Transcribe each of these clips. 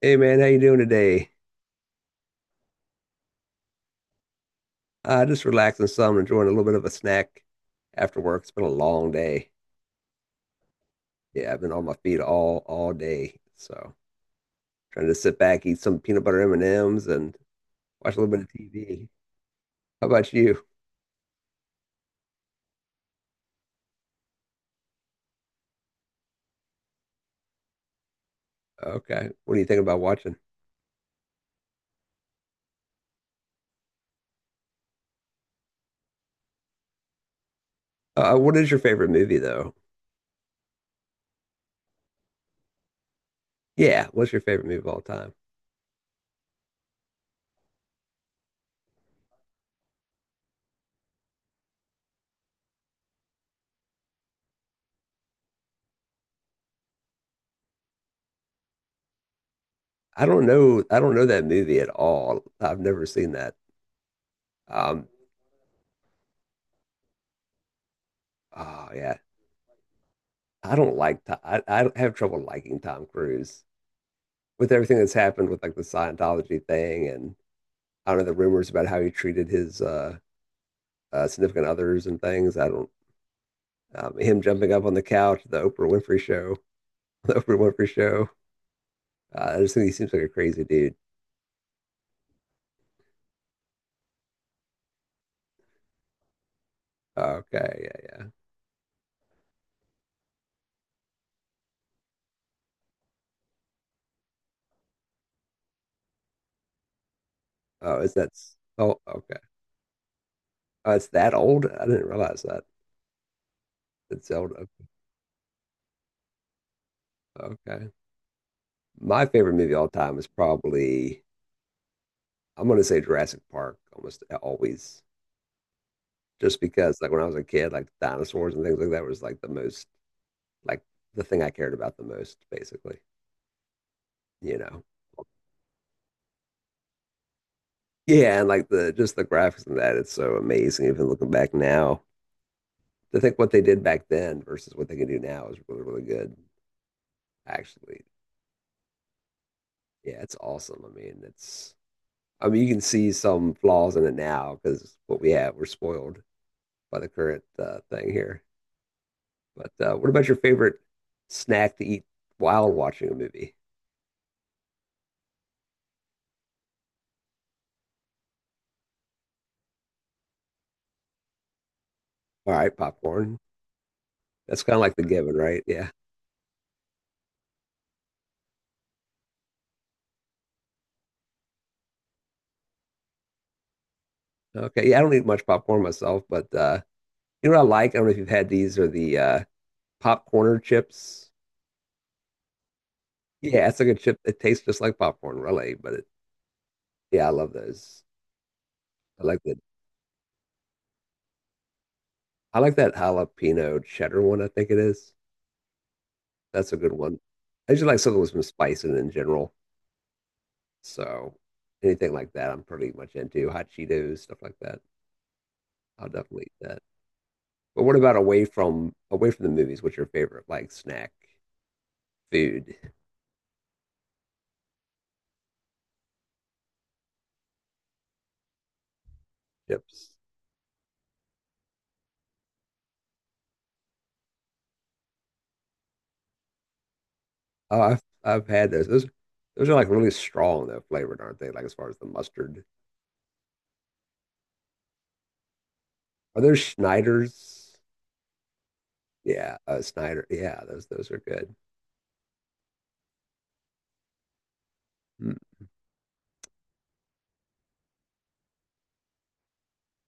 Hey man, how you doing today? Just relaxing some, enjoying a little bit of a snack after work. It's been a long day. Yeah, I've been on my feet all day, so trying to sit back, eat some peanut butter M&Ms, and watch a little bit of TV. How about you? Okay, what do you think about watching? What is your favorite movie though? Yeah, what's your favorite movie of all time? I don't know. I don't know that movie at all. I've never seen that. Um, oh yeah, I don't like. Tom, I have trouble liking Tom Cruise. With everything that's happened with like the Scientology thing, and I don't know the rumors about how he treated his significant others and things. I don't, him jumping up on the couch, the Oprah Winfrey show, the Oprah Winfrey show. I just think he seems like a crazy dude. Okay, yeah, yeah. Oh, is that, oh, okay? Oh, it's that old. I didn't realize that. It's Zelda. Okay. My favorite movie of all time is probably, I'm gonna say Jurassic Park almost always, just because like when I was a kid, like dinosaurs and things like that was like the most, like the thing I cared about the most, basically. You know. Yeah, and like the just the graphics and that, it's so amazing. Even looking back now, to think what they did back then versus what they can do now is really, really good. Actually, yeah, it's awesome. I mean, it's I mean, you can see some flaws in it now because what we have, we're spoiled by the current thing here. But what about your favorite snack to eat while watching a movie? All right, popcorn. That's kind of like the given, right? Yeah. Okay. Yeah, I don't eat much popcorn myself, but you know what I like? I don't know if you've had these or the popcorn chips. Yeah, it's like a chip that tastes just like popcorn, really. But yeah, I love those. I like that. I like that jalapeno cheddar one. I think it is. That's a good one. I just like something with some spice in it in general. So anything like that, I'm pretty much into. Hot Cheetos, stuff like that. I'll definitely eat that. But what about away from the movies? What's your favorite like snack, food, chips? Oh, I've had those. Those are like really strong though, flavored, aren't they? Like as far as the mustard. Are those Schneiders? Yeah, Snyder. Yeah, those are good. Mm.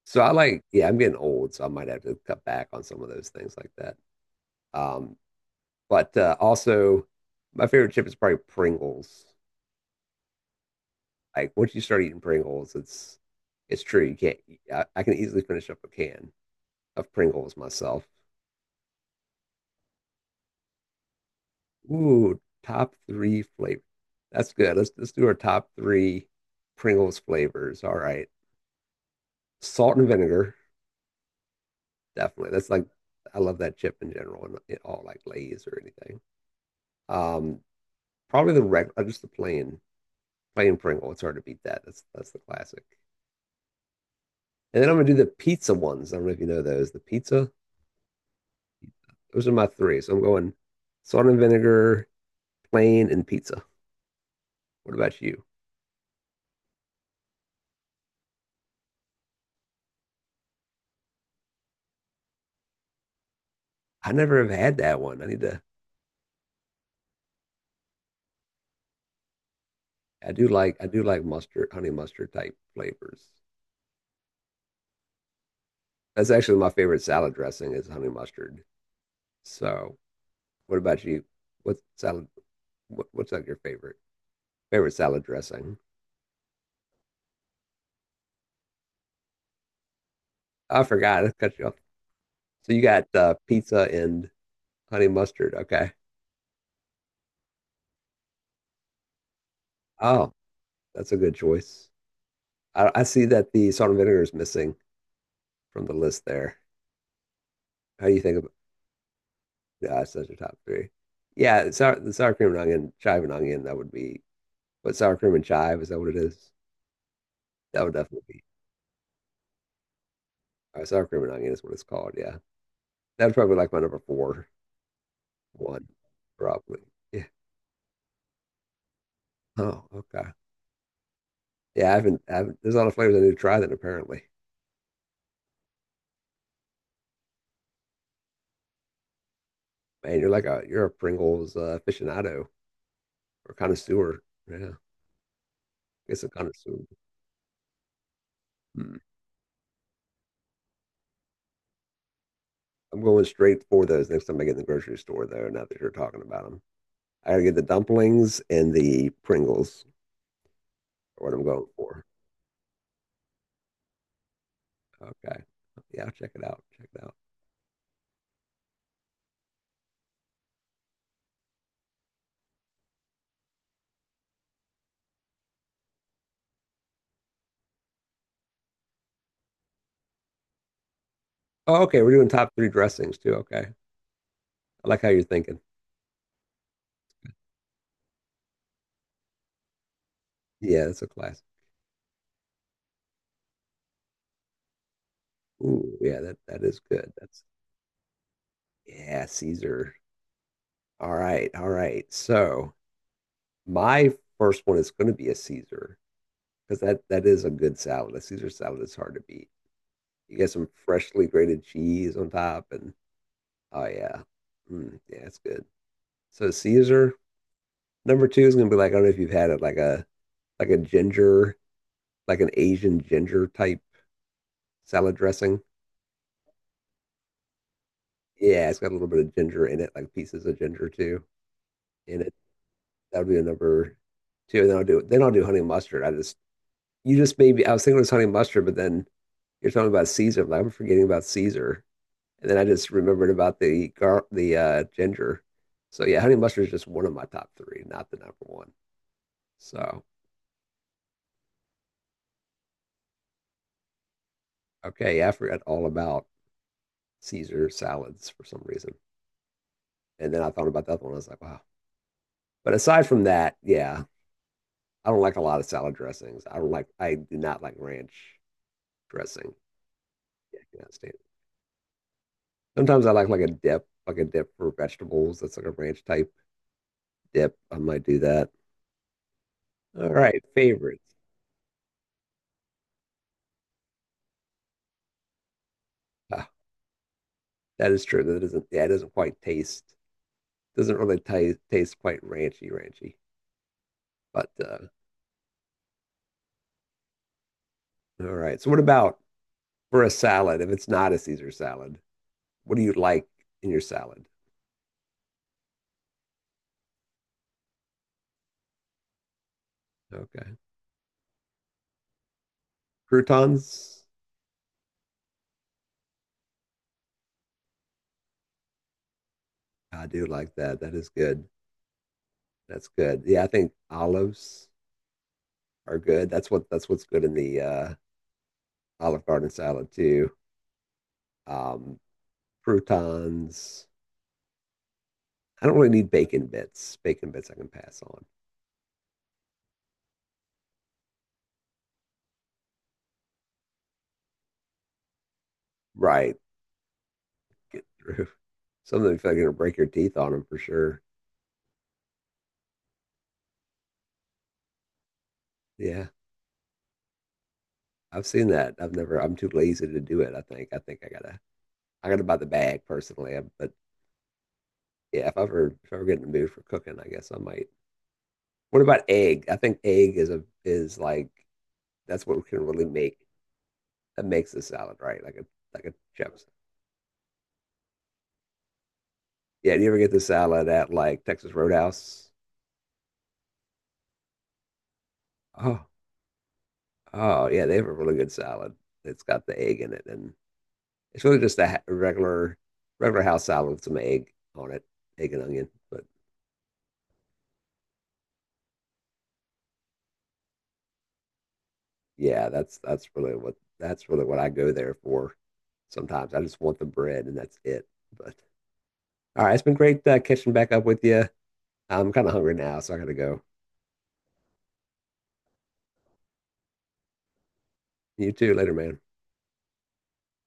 So I like, yeah, I'm getting old, so I might have to cut back on some of those things like that. Um, but also, my favorite chip is probably Pringles. Like once you start eating Pringles, it's true. You can't. I can easily finish up a can of Pringles myself. Ooh, top three flavor. That's good. Let's do our top three Pringles flavors. All right. Salt and vinegar, definitely. That's like, I love that chip in general and it all, like Lay's or anything. Um, Probably the regular, just the plain Pringle. It's hard to beat that. That's the classic. And then I'm gonna do the pizza ones. I don't know if you know those. The pizza, those are my three. So I'm going salt and vinegar, plain, and pizza. What about you? I never have had that one. I need to. I do like mustard, honey mustard type flavors. That's actually my favorite salad dressing is honey mustard. So, what about you? What salad? What's like your favorite salad dressing? I forgot. I cut you off. So you got pizza and honey mustard. Okay. Oh, that's a good choice. I see that the salt and vinegar is missing from the list there. How do you think about such a top three? Yeah, the sour cream and onion, chive and onion. That would be, but sour cream and chive, is that what it is? That would definitely be. Sour Cream and Onion is what it's called. Yeah. That's probably like my number 4 one, probably. Yeah. Oh, okay. Yeah, I haven't, there's a lot of flavors I need to try then apparently. Man, you're a Pringles aficionado or connoisseur. Yeah. It's a connoisseur. Hmm. I'm going straight for those next time I get in the grocery store, though, now that you're talking about them. I gotta get the dumplings, and the Pringles are what I'm going for. Okay. Yeah, I'll check it out. Check it out. Oh, okay. We're doing top three dressings too. Okay. I like how you're thinking. Yeah, that's a classic. Ooh, yeah, that is good. That's, yeah, Caesar. All right, all right. So my first one is going to be a Caesar, because that is a good salad. A Caesar salad is hard to beat. You get some freshly grated cheese on top, and oh yeah, mm, yeah, it's good. So Caesar number two is going to be like, I don't know if you've had it, like a ginger, like an Asian ginger type salad dressing. Yeah, it's got a little bit of ginger in it, like pieces of ginger too. And that would be a number two. And then I'll do honey mustard. I just You just, maybe I was thinking it was honey mustard, but then you're talking about Caesar. I'm like, I'm forgetting about Caesar, and then I just remembered about the gar the ginger. So yeah, honey mustard is just one of my top three, not the number one. So okay, yeah, I forgot all about Caesar salads for some reason, and then I thought about the other one. I was like, wow. But aside from that, yeah, I don't like a lot of salad dressings. I do not like ranch dressing. Yeah, I cannot stand. Sometimes I like a dip, like a dip for vegetables. That's like a ranch type dip. I might do that. All right, favorites. Ah, that is true. That doesn't, yeah, it doesn't quite taste, doesn't really taste quite ranchy, ranchy. But all right. So what about for a salad? If it's not a Caesar salad, what do you like in your salad? Okay, croutons. I do like that. That is good. That's good. Yeah, I think olives are good. That's what's good in the Olive Garden salad too. Um, Croutons. I don't really need bacon bits. Bacon bits I can pass on. Right. Get through. Some of them feel like gonna break your teeth on them for sure. Yeah. I've seen that. I've never I'm too lazy to do it, I think. I think I gotta buy the bag personally. But yeah, if I ever get in the mood for cooking, I guess I might. What about egg? I think egg is a, is like, that's what we can really make that makes the salad, right? Like a chips. Yeah, do you ever get the salad at like Texas Roadhouse? Oh, Oh yeah, they have a really good salad. It's got the egg in it, and it's really just a regular house salad with some egg on it, egg and onion. But yeah, that's really what, that's really what I go there for. Sometimes I just want the bread, and that's it. But all right, it's been great catching back up with you. I'm kind of hungry now, so I gotta go. You too. Later, man.